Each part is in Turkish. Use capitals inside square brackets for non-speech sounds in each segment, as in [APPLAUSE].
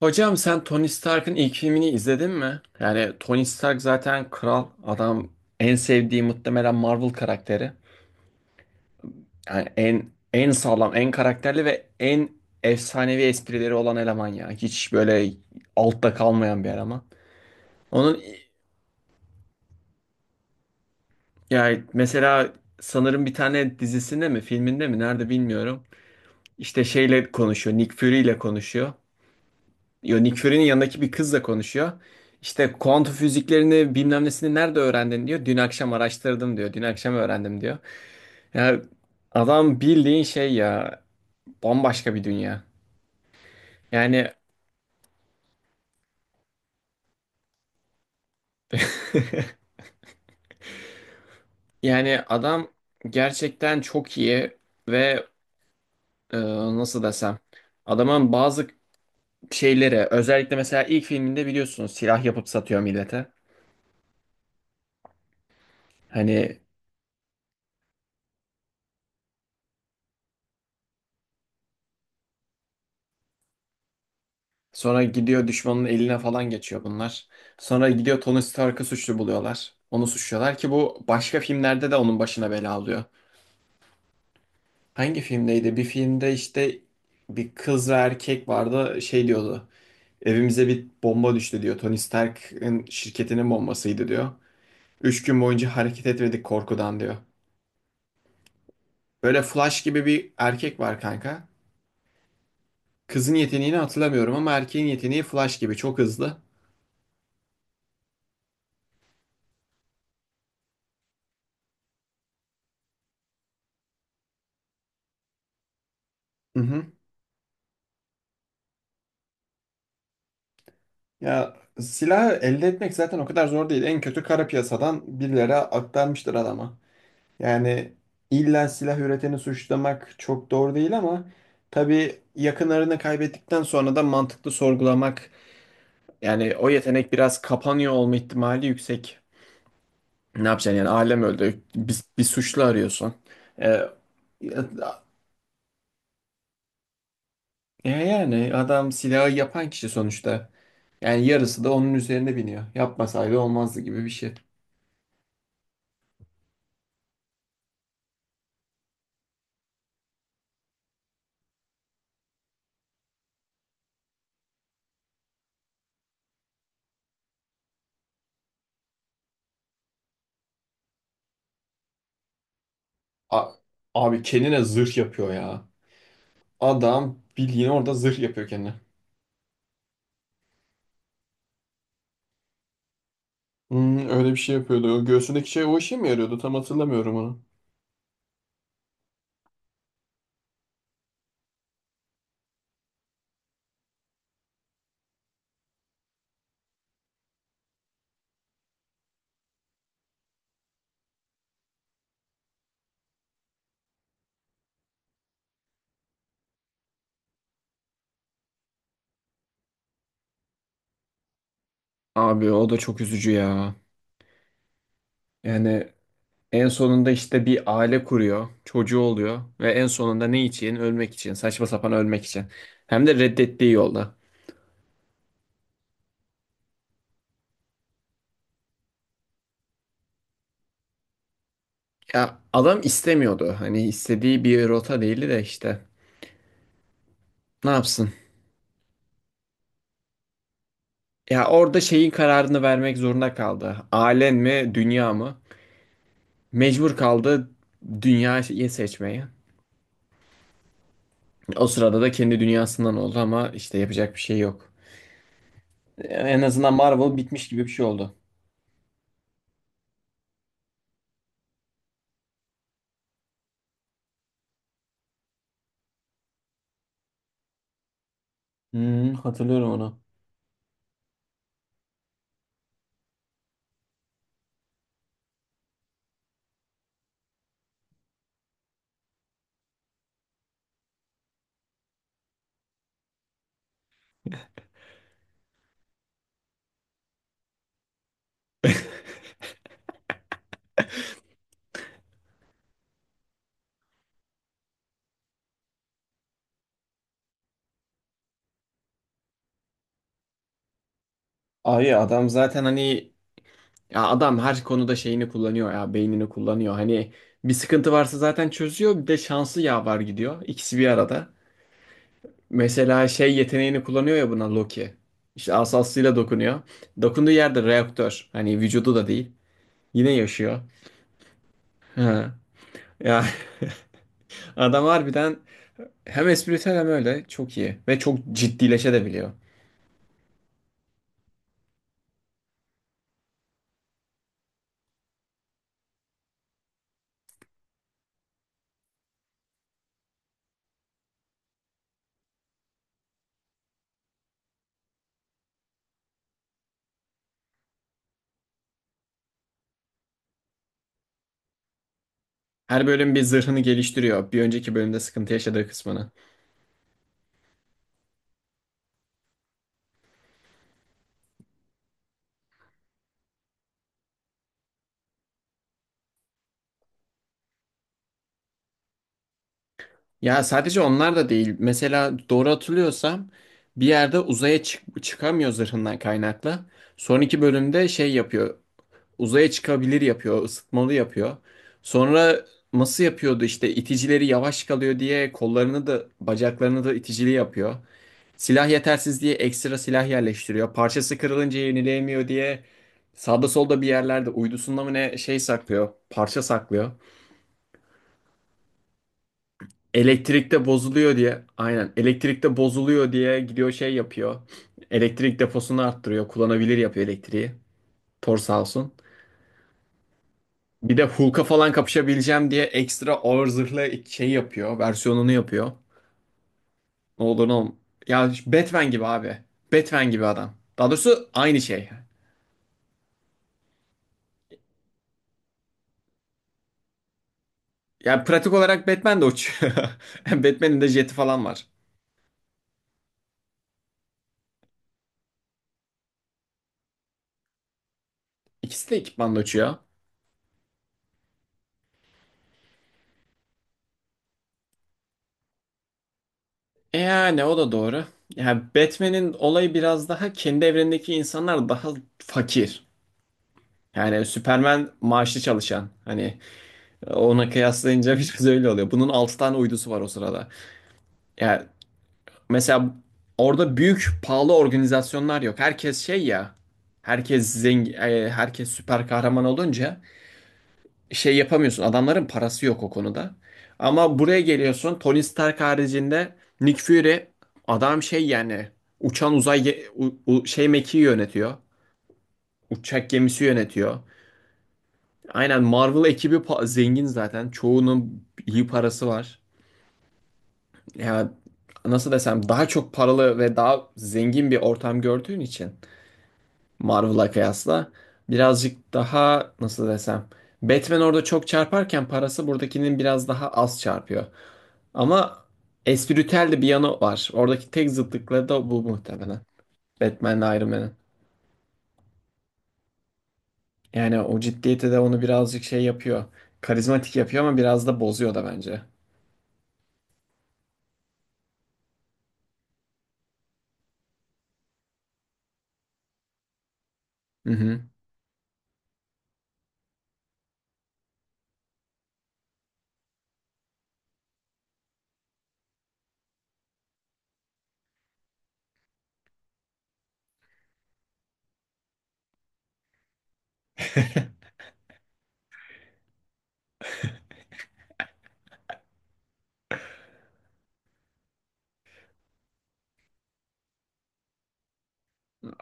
Hocam sen Tony Stark'ın ilk filmini izledin mi? Yani Tony Stark zaten kral adam, en sevdiği muhtemelen Marvel karakteri. Yani en sağlam, en karakterli ve en efsanevi esprileri olan eleman ya. Hiç böyle altta kalmayan bir eleman. Onun yani mesela sanırım bir tane dizisinde mi, filminde mi nerede bilmiyorum. İşte şeyle konuşuyor, Nick Fury ile konuşuyor. Yo, Nick Fury'nin yanındaki bir kızla konuşuyor. İşte kuantum füziklerini bilmem nesini nerede öğrendin diyor. Dün akşam araştırdım diyor. Dün akşam öğrendim diyor. Ya adam bildiğin şey ya, bambaşka bir dünya. Yani yani adam gerçekten çok iyi ve e, nasıl desem, adamın bazı şeyleri, özellikle mesela ilk filminde biliyorsunuz, silah yapıp satıyor millete. Hani sonra gidiyor düşmanın eline falan geçiyor bunlar. Sonra gidiyor Tony Stark'ı suçlu buluyorlar. Onu suçluyorlar ki bu başka filmlerde de onun başına bela alıyor. Hangi filmdeydi? Bir filmde işte bir kız ve erkek vardı, şey diyordu. Evimize bir bomba düştü diyor. Tony Stark'ın şirketinin bombasıydı diyor. Üç gün boyunca hareket etmedik korkudan diyor. Böyle Flash gibi bir erkek var kanka. Kızın yeteneğini hatırlamıyorum ama erkeğin yeteneği Flash gibi çok hızlı. Hı hı. Ya silahı elde etmek zaten o kadar zor değil. En kötü kara piyasadan birilere aktarmıştır adama. Yani illa silah üreteni suçlamak çok doğru değil ama tabii yakınlarını kaybettikten sonra da mantıklı sorgulamak, yani o yetenek biraz kapanıyor olma ihtimali yüksek. Ne yapacaksın yani, ailem öldü. Bir suçlu arıyorsun. Ee, yani adam silahı yapan kişi sonuçta. Yani yarısı da onun üzerine biniyor. Yapmasaydı olmazdı gibi bir şey. A- abi kendine zırh yapıyor ya. Adam bildiğin orada zırh yapıyor kendine. Hmm, öyle bir şey yapıyordu. O göğsündeki şey o işe mi yarıyordu? Tam hatırlamıyorum onu. Abi o da çok üzücü ya. Yani en sonunda işte bir aile kuruyor, çocuğu oluyor ve en sonunda ne için? Ölmek için, saçma sapan ölmek için. Hem de reddettiği yolda. Ya adam istemiyordu. Hani istediği bir rota değildi de işte. Ne yapsın? Ya orada şeyin kararını vermek zorunda kaldı. Ailen mi, dünya mı? Mecbur kaldı dünyayı seçmeye. O sırada da kendi dünyasından oldu ama işte yapacak bir şey yok. En azından Marvel bitmiş gibi bir şey oldu. Hmm, hatırlıyorum onu. Abi adam zaten hani, ya adam her konuda şeyini kullanıyor ya, beynini kullanıyor. Hani bir sıkıntı varsa zaten çözüyor, bir de şansı yaver gidiyor. İkisi bir arada. Mesela şey yeteneğini kullanıyor ya buna Loki. İşte asasıyla dokunuyor. Dokunduğu yerde reaktör. Hani vücudu da değil. Yine yaşıyor. Ha. Ya [LAUGHS] adam harbiden hem espritüel hem öyle çok iyi ve çok ciddileşebiliyor. Her bölüm bir zırhını geliştiriyor. Bir önceki bölümde sıkıntı yaşadığı kısmını. Ya sadece onlar da değil. Mesela doğru hatırlıyorsam bir yerde uzaya çıkamıyor zırhından kaynaklı. Son iki bölümde şey yapıyor. Uzaya çıkabilir yapıyor, ısıtmalı yapıyor. Sonra nasıl yapıyordu işte, iticileri yavaş kalıyor diye kollarını da bacaklarını da iticili yapıyor. Silah yetersiz diye ekstra silah yerleştiriyor. Parçası kırılınca yenileyemiyor diye sağda solda bir yerlerde uydusunda mı ne, şey saklıyor, parça saklıyor. Elektrikte bozuluyor diye, aynen elektrikte bozuluyor diye gidiyor şey yapıyor. Elektrik deposunu arttırıyor, kullanabilir yapıyor elektriği. Thor sağ olsun. Bir de Hulk'a falan kapışabileceğim diye ekstra ağır zırhlı şey yapıyor. Versiyonunu yapıyor. Ne olur ne olmaz. Ya işte Batman gibi abi. Batman gibi adam. Daha doğrusu aynı şey. Yani pratik olarak Batman de uçuyor. [LAUGHS] Batman'in de jeti falan var. İkisi de ekipmanla uçuyor. E yani o da doğru. Yani Batman'in olayı biraz daha, kendi evrenindeki insanlar daha fakir. Yani Superman maaşlı çalışan. Hani ona kıyaslayınca [LAUGHS] biraz öyle oluyor. Bunun 6 tane uydusu var o sırada. Yani mesela orada büyük pahalı organizasyonlar yok. Herkes şey ya. Herkes zengin, e, herkes süper kahraman olunca şey yapamıyorsun. Adamların parası yok o konuda. Ama buraya geliyorsun. Tony Stark haricinde Nick Fury, adam şey yani uçan şey mekiği yönetiyor. Uçak gemisi yönetiyor. Aynen Marvel ekibi zengin zaten. Çoğunun iyi parası var. Ya nasıl desem, daha çok paralı ve daha zengin bir ortam gördüğün için Marvel'a kıyasla. Birazcık daha nasıl desem. Batman orada çok çarparken parası buradakinin biraz daha az çarpıyor. Ama espritüel de bir yanı var. Oradaki tek zıtlıkları da bu muhtemelen. Batman'le Iron Man'in. Yani o ciddiyeti de onu birazcık şey yapıyor. Karizmatik yapıyor ama biraz da bozuyor da bence. Hı hı.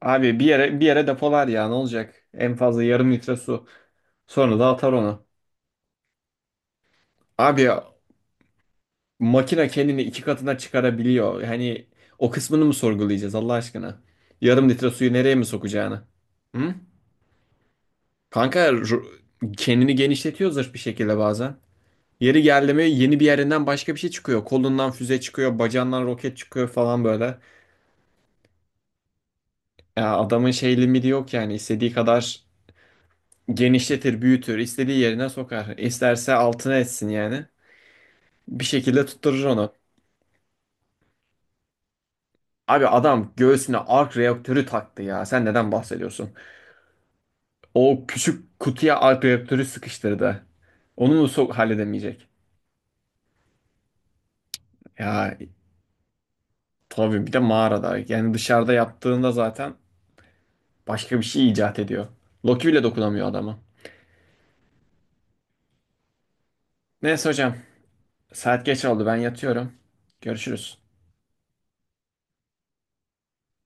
Abi bir yere depolar ya, ne olacak? En fazla yarım litre su. Sonra da atar onu. Abi makine kendini iki katına çıkarabiliyor. Hani o kısmını mı sorgulayacağız Allah aşkına? Yarım litre suyu nereye mi sokacağını? Hı? Kanka ru- kendini genişletiyor zırh bir şekilde bazen. Yeri geldi mi yeni bir yerinden başka bir şey çıkıyor. Kolundan füze çıkıyor, bacağından roket çıkıyor falan böyle. Ya adamın şey limiti yok yani. İstediği kadar genişletir, büyütür, istediği yerine sokar. İsterse altına etsin yani. Bir şekilde tutturur onu. Abi adam göğsüne ark reaktörü taktı ya. Sen neden bahsediyorsun? O küçük kutuya Alp reaktörü sıkıştırdı. Onu mu sok halledemeyecek? Ya tabii bir de mağarada. Yani dışarıda yaptığında zaten başka bir şey icat ediyor. Loki bile dokunamıyor adama. Neyse hocam, saat geç oldu, ben yatıyorum. Görüşürüz.